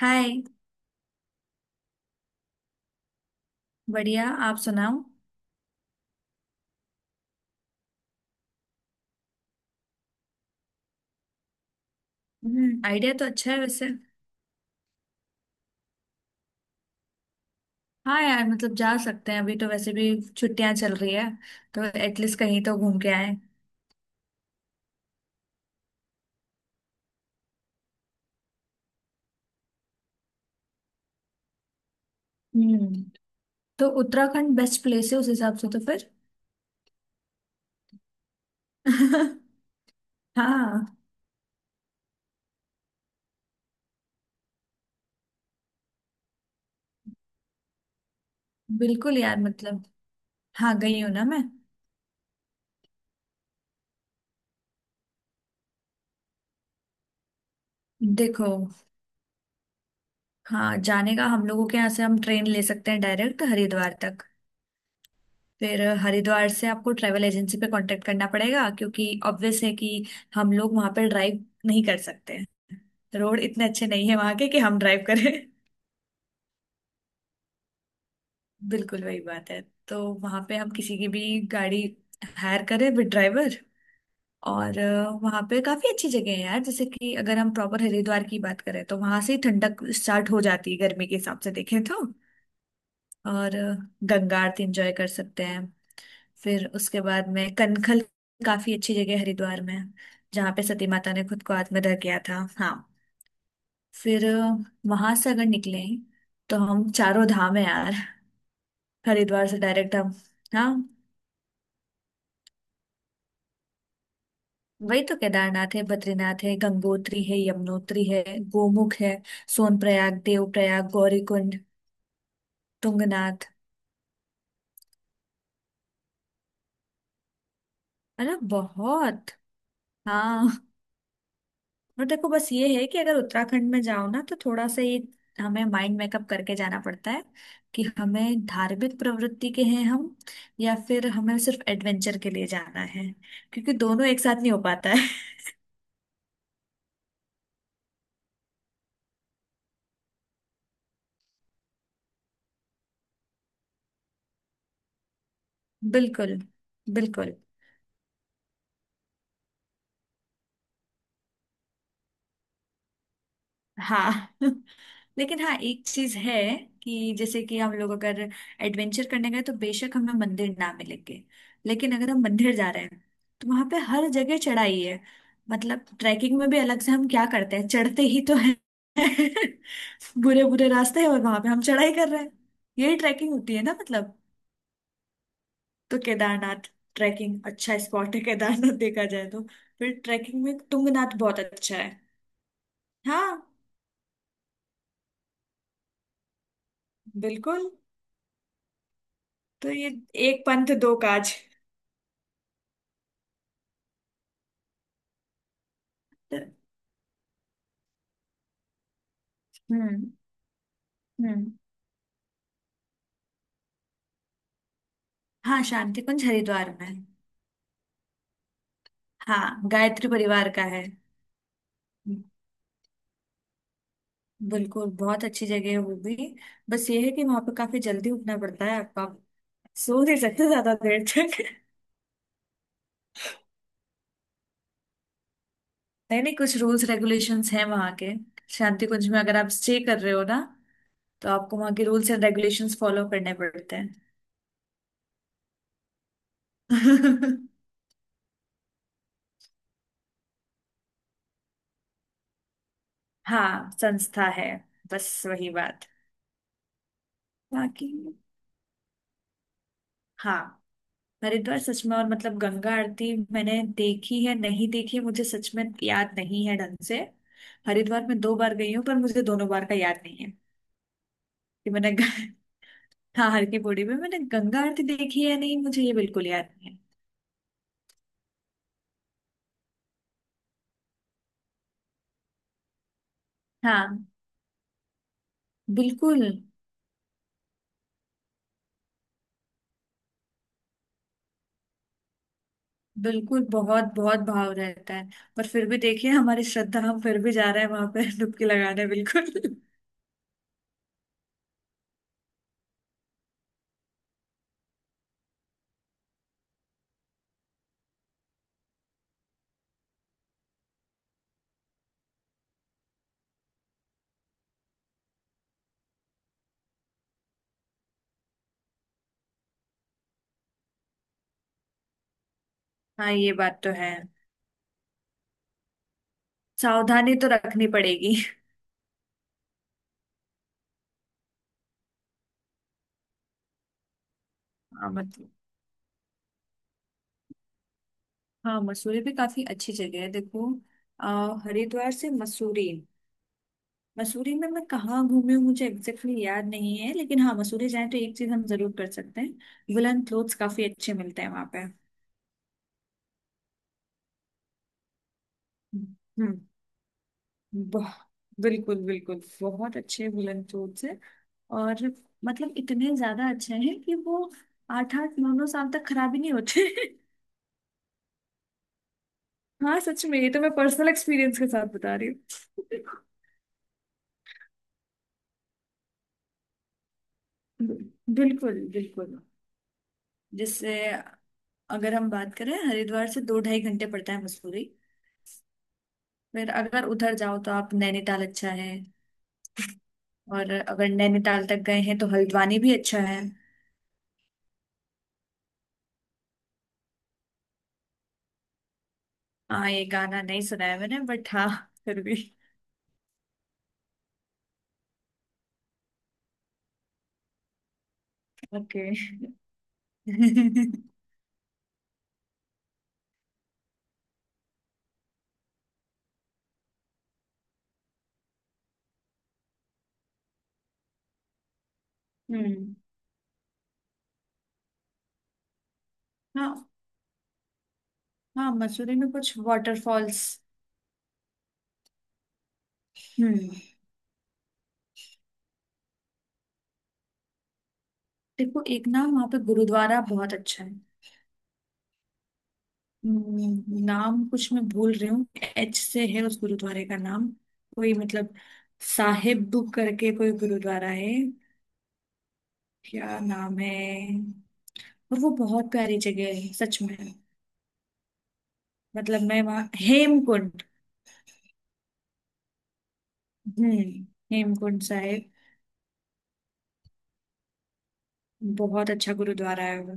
हाय। बढ़िया, आप सुनाओ। हम्म, आइडिया तो अच्छा है वैसे। हाँ यार, मतलब जा सकते हैं, अभी तो वैसे भी छुट्टियां चल रही है, तो एटलीस्ट कहीं तो घूम के आए। हम्म, तो उत्तराखंड बेस्ट प्लेस है उस हिसाब से तो फिर। हाँ बिल्कुल यार मतलब। हाँ गई हूँ ना मैं। देखो, हाँ जाने का, हम लोगों के यहाँ से हम ट्रेन ले सकते हैं डायरेक्ट हरिद्वार तक। फिर हरिद्वार से आपको ट्रैवल एजेंसी पे कांटेक्ट करना पड़ेगा, क्योंकि ऑब्वियस है कि हम लोग वहां पर ड्राइव नहीं कर सकते। रोड इतने अच्छे नहीं है वहां के कि हम ड्राइव करें। बिल्कुल, वही बात है। तो वहां पे हम किसी की भी गाड़ी हायर करें विद ड्राइवर। और वहां पे काफी अच्छी जगह है यार, जैसे कि अगर हम प्रॉपर हरिद्वार की बात करें, तो वहां से ही ठंडक स्टार्ट हो जाती है, गर्मी के हिसाब से देखें तो। और गंगा आरती एंजॉय कर सकते हैं। फिर उसके बाद में कनखल, काफी अच्छी जगह है हरिद्वार में, जहाँ पे सती माता ने खुद को आत्मदाह किया था। हाँ, फिर वहां से अगर निकले, तो हम, चारों धाम है यार। हरिद्वार से डायरेक्ट हम, हाँ, वही तो। केदारनाथ है, बद्रीनाथ है, गंगोत्री है, यमुनोत्री है, गोमुख है, सोनप्रयाग, देवप्रयाग, गौरीकुंड, तुंगनाथ। मतलब बहुत, हाँ। और देखो, बस ये है कि अगर उत्तराखंड में जाओ ना, तो थोड़ा सा ये, हमें माइंड मेकअप करके जाना पड़ता है, कि हमें धार्मिक प्रवृत्ति के हैं हम, या फिर हमें सिर्फ एडवेंचर के लिए जाना है, क्योंकि दोनों एक साथ नहीं हो पाता है। बिल्कुल बिल्कुल। हाँ। लेकिन हाँ, एक चीज है, कि जैसे कि हम लोग अगर एडवेंचर करने गए, तो बेशक हमें मंदिर ना मिलेंगे, लेकिन अगर हम मंदिर जा रहे हैं, तो वहां पे हर जगह चढ़ाई है। मतलब ट्रैकिंग में भी अलग से हम क्या करते हैं, चढ़ते ही तो है। बुरे बुरे रास्ते हैं और वहां पे हम चढ़ाई कर रहे हैं। यही ट्रैकिंग होती है ना मतलब। तो केदारनाथ, ट्रैकिंग अच्छा स्पॉट है केदारनाथ देखा जाए तो। फिर ट्रैकिंग में तुंगनाथ बहुत अच्छा है। हाँ बिल्कुल। तो ये, एक पंथ दो काज। हम्म। हम्म। हाँ, शांति कुंज हरिद्वार में है। हाँ, गायत्री परिवार का है। बिल्कुल, बहुत अच्छी जगह है वो भी। बस ये है कि वहां पे काफी जल्दी उठना पड़ता है आपको, आप सो नहीं सकते ज्यादा देर तक। नहीं नहीं, कुछ रूल्स रेगुलेशंस हैं वहाँ के। शांति कुंज में अगर आप स्टे कर रहे हो ना, तो आपको वहाँ के रूल्स एंड रेगुलेशंस फॉलो करने पड़ते हैं। हाँ, संस्था है। बस वही बात। बाकी हाँ, हरिद्वार सच में। और मतलब गंगा आरती मैंने देखी है, नहीं देखी है, मुझे सच में याद नहीं है ढंग से। हरिद्वार में दो बार गई हूँ, पर मुझे दोनों बार का याद नहीं है, कि मैंने हाँ, हर की पौड़ी में मैंने गंगा आरती देखी है, नहीं मुझे ये बिल्कुल याद नहीं है। हाँ बिल्कुल बिल्कुल, बहुत बहुत भाव रहता है। पर फिर भी देखिए, हमारी श्रद्धा, हम फिर भी जा रहे हैं वहां पे डुबकी लगाने। बिल्कुल। हाँ, ये बात तो है। सावधानी तो रखनी पड़ेगी। हाँ मतलब, हाँ मसूरी भी काफी अच्छी जगह है। देखो, हरिद्वार से मसूरी। मसूरी में मैं कहाँ घूमी हूँ मुझे एग्जैक्टली याद नहीं है, लेकिन हाँ, मसूरी जाए, तो एक चीज हम जरूर कर सकते हैं, वुलन क्लोथ्स काफी अच्छे मिलते हैं वहां पे। हम्म, हम्म। बह- बिल्कुल बिल्कुल, बहुत अच्छे वुलन क्लोथ्स है। और मतलब इतने ज्यादा अच्छे हैं, कि वो आठ आठ नौ नौ साल तक खराब ही नहीं होते। हाँ सच में, ये तो मैं पर्सनल एक्सपीरियंस के साथ बता रही हूँ। बिल्कुल बिल्कुल। जिससे, अगर हम बात करें, हरिद्वार से दो ढाई घंटे पड़ता है मसूरी। फिर अगर उधर जाओ, तो आप नैनीताल अच्छा है। और अगर नैनीताल तक गए हैं, तो हल्द्वानी भी अच्छा है। हाँ, ये गाना नहीं सुना है मैंने, बट हाँ, फिर भी। ओके हम्म। हाँ हाँ, मसूरी में कुछ वाटरफॉल्स। हम्म। देखो, एक ना, वहाँ पे गुरुद्वारा बहुत अच्छा है। नाम कुछ मैं भूल रही हूँ। एच से है उस गुरुद्वारे का नाम, कोई मतलब साहिब करके कोई गुरुद्वारा है, क्या नाम है। और वो बहुत प्यारी जगह है सच में। मतलब मैं वहाँ हेमकुंड। हम्म, हेमकुंड साहिब। बहुत अच्छा गुरुद्वारा है वो।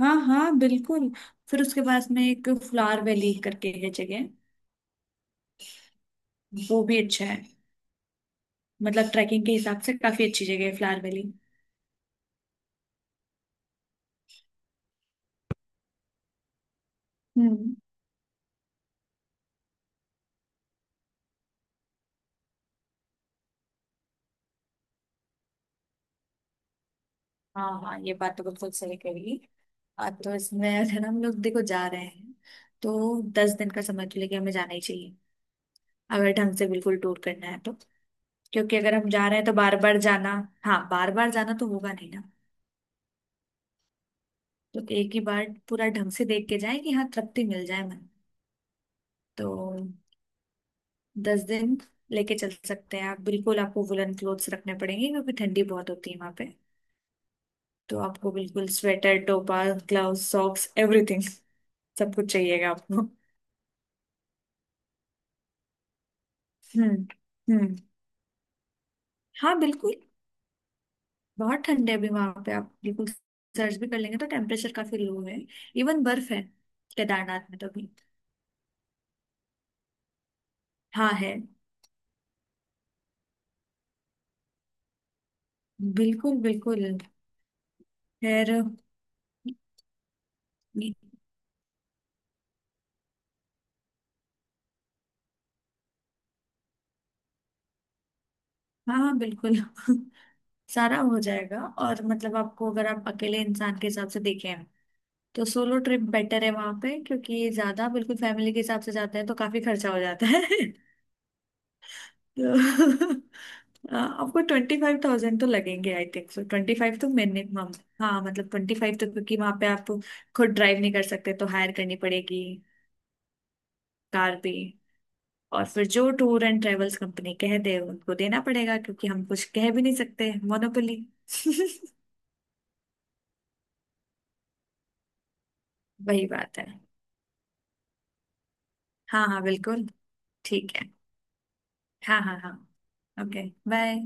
हाँ हाँ बिल्कुल। फिर उसके पास में एक फ्लावर वैली करके है जगह, वो भी अच्छा है। मतलब ट्रैकिंग के हिसाब से काफी अच्छी जगह है फ्लावर वैली। हम्म। हाँ हाँ, ये बात तो बिल्कुल सही कही। अब तो इसमें, अगर हम लोग देखो जा रहे हैं, तो 10 दिन का समय तो लेके हमें जाना ही चाहिए, अगर ढंग से बिल्कुल टूर करना है तो। क्योंकि अगर हम जा रहे हैं, तो बार बार जाना, हाँ बार बार जाना तो होगा नहीं ना। तो एक ही बार पूरा ढंग से देख के जाए, कि हाँ तृप्ति मिल जाए मन। तो दस दिन लेके चल सकते हैं आप बिल्कुल। आपको वुलन क्लोथ्स रखने पड़ेंगे, क्योंकि ठंडी बहुत होती है वहां पे, तो आपको बिल्कुल स्वेटर, टोपा, ग्लव्स, सॉक्स, एवरीथिंग सब कुछ चाहिएगा आपको। हम्म, हम्म, हाँ बिल्कुल। बहुत ठंड है अभी वहां पे, आप बिल्कुल सर्च भी कर लेंगे तो टेम्परेचर काफी लो है। इवन बर्फ है केदारनाथ में तो भी। हाँ है। बिल्कुल बिल्कुल। खैर। हाँ हाँ बिल्कुल, सारा हो जाएगा। और मतलब, आपको अगर आप अकेले इंसान के हिसाब से देखें, तो सोलो ट्रिप बेटर है वहां पे, क्योंकि ज्यादा बिल्कुल फैमिली के हिसाब से जाते हैं तो काफी खर्चा हो जाता है। तो आपको 25,000 तो लगेंगे, आई थिंक सो, 25 तो मिनिमम। हाँ मतलब, 25 तो, क्योंकि वहां पे आप खुद ड्राइव नहीं कर सकते, तो हायर करनी पड़ेगी कार भी। और फिर जो टूर एंड ट्रेवल्स कंपनी कह दे उनको देना पड़ेगा, क्योंकि हम कुछ कह भी नहीं सकते, मोनोपोली। वही बात है। हाँ हाँ बिल्कुल। ठीक है। हाँ हाँ हाँ। Okay bye.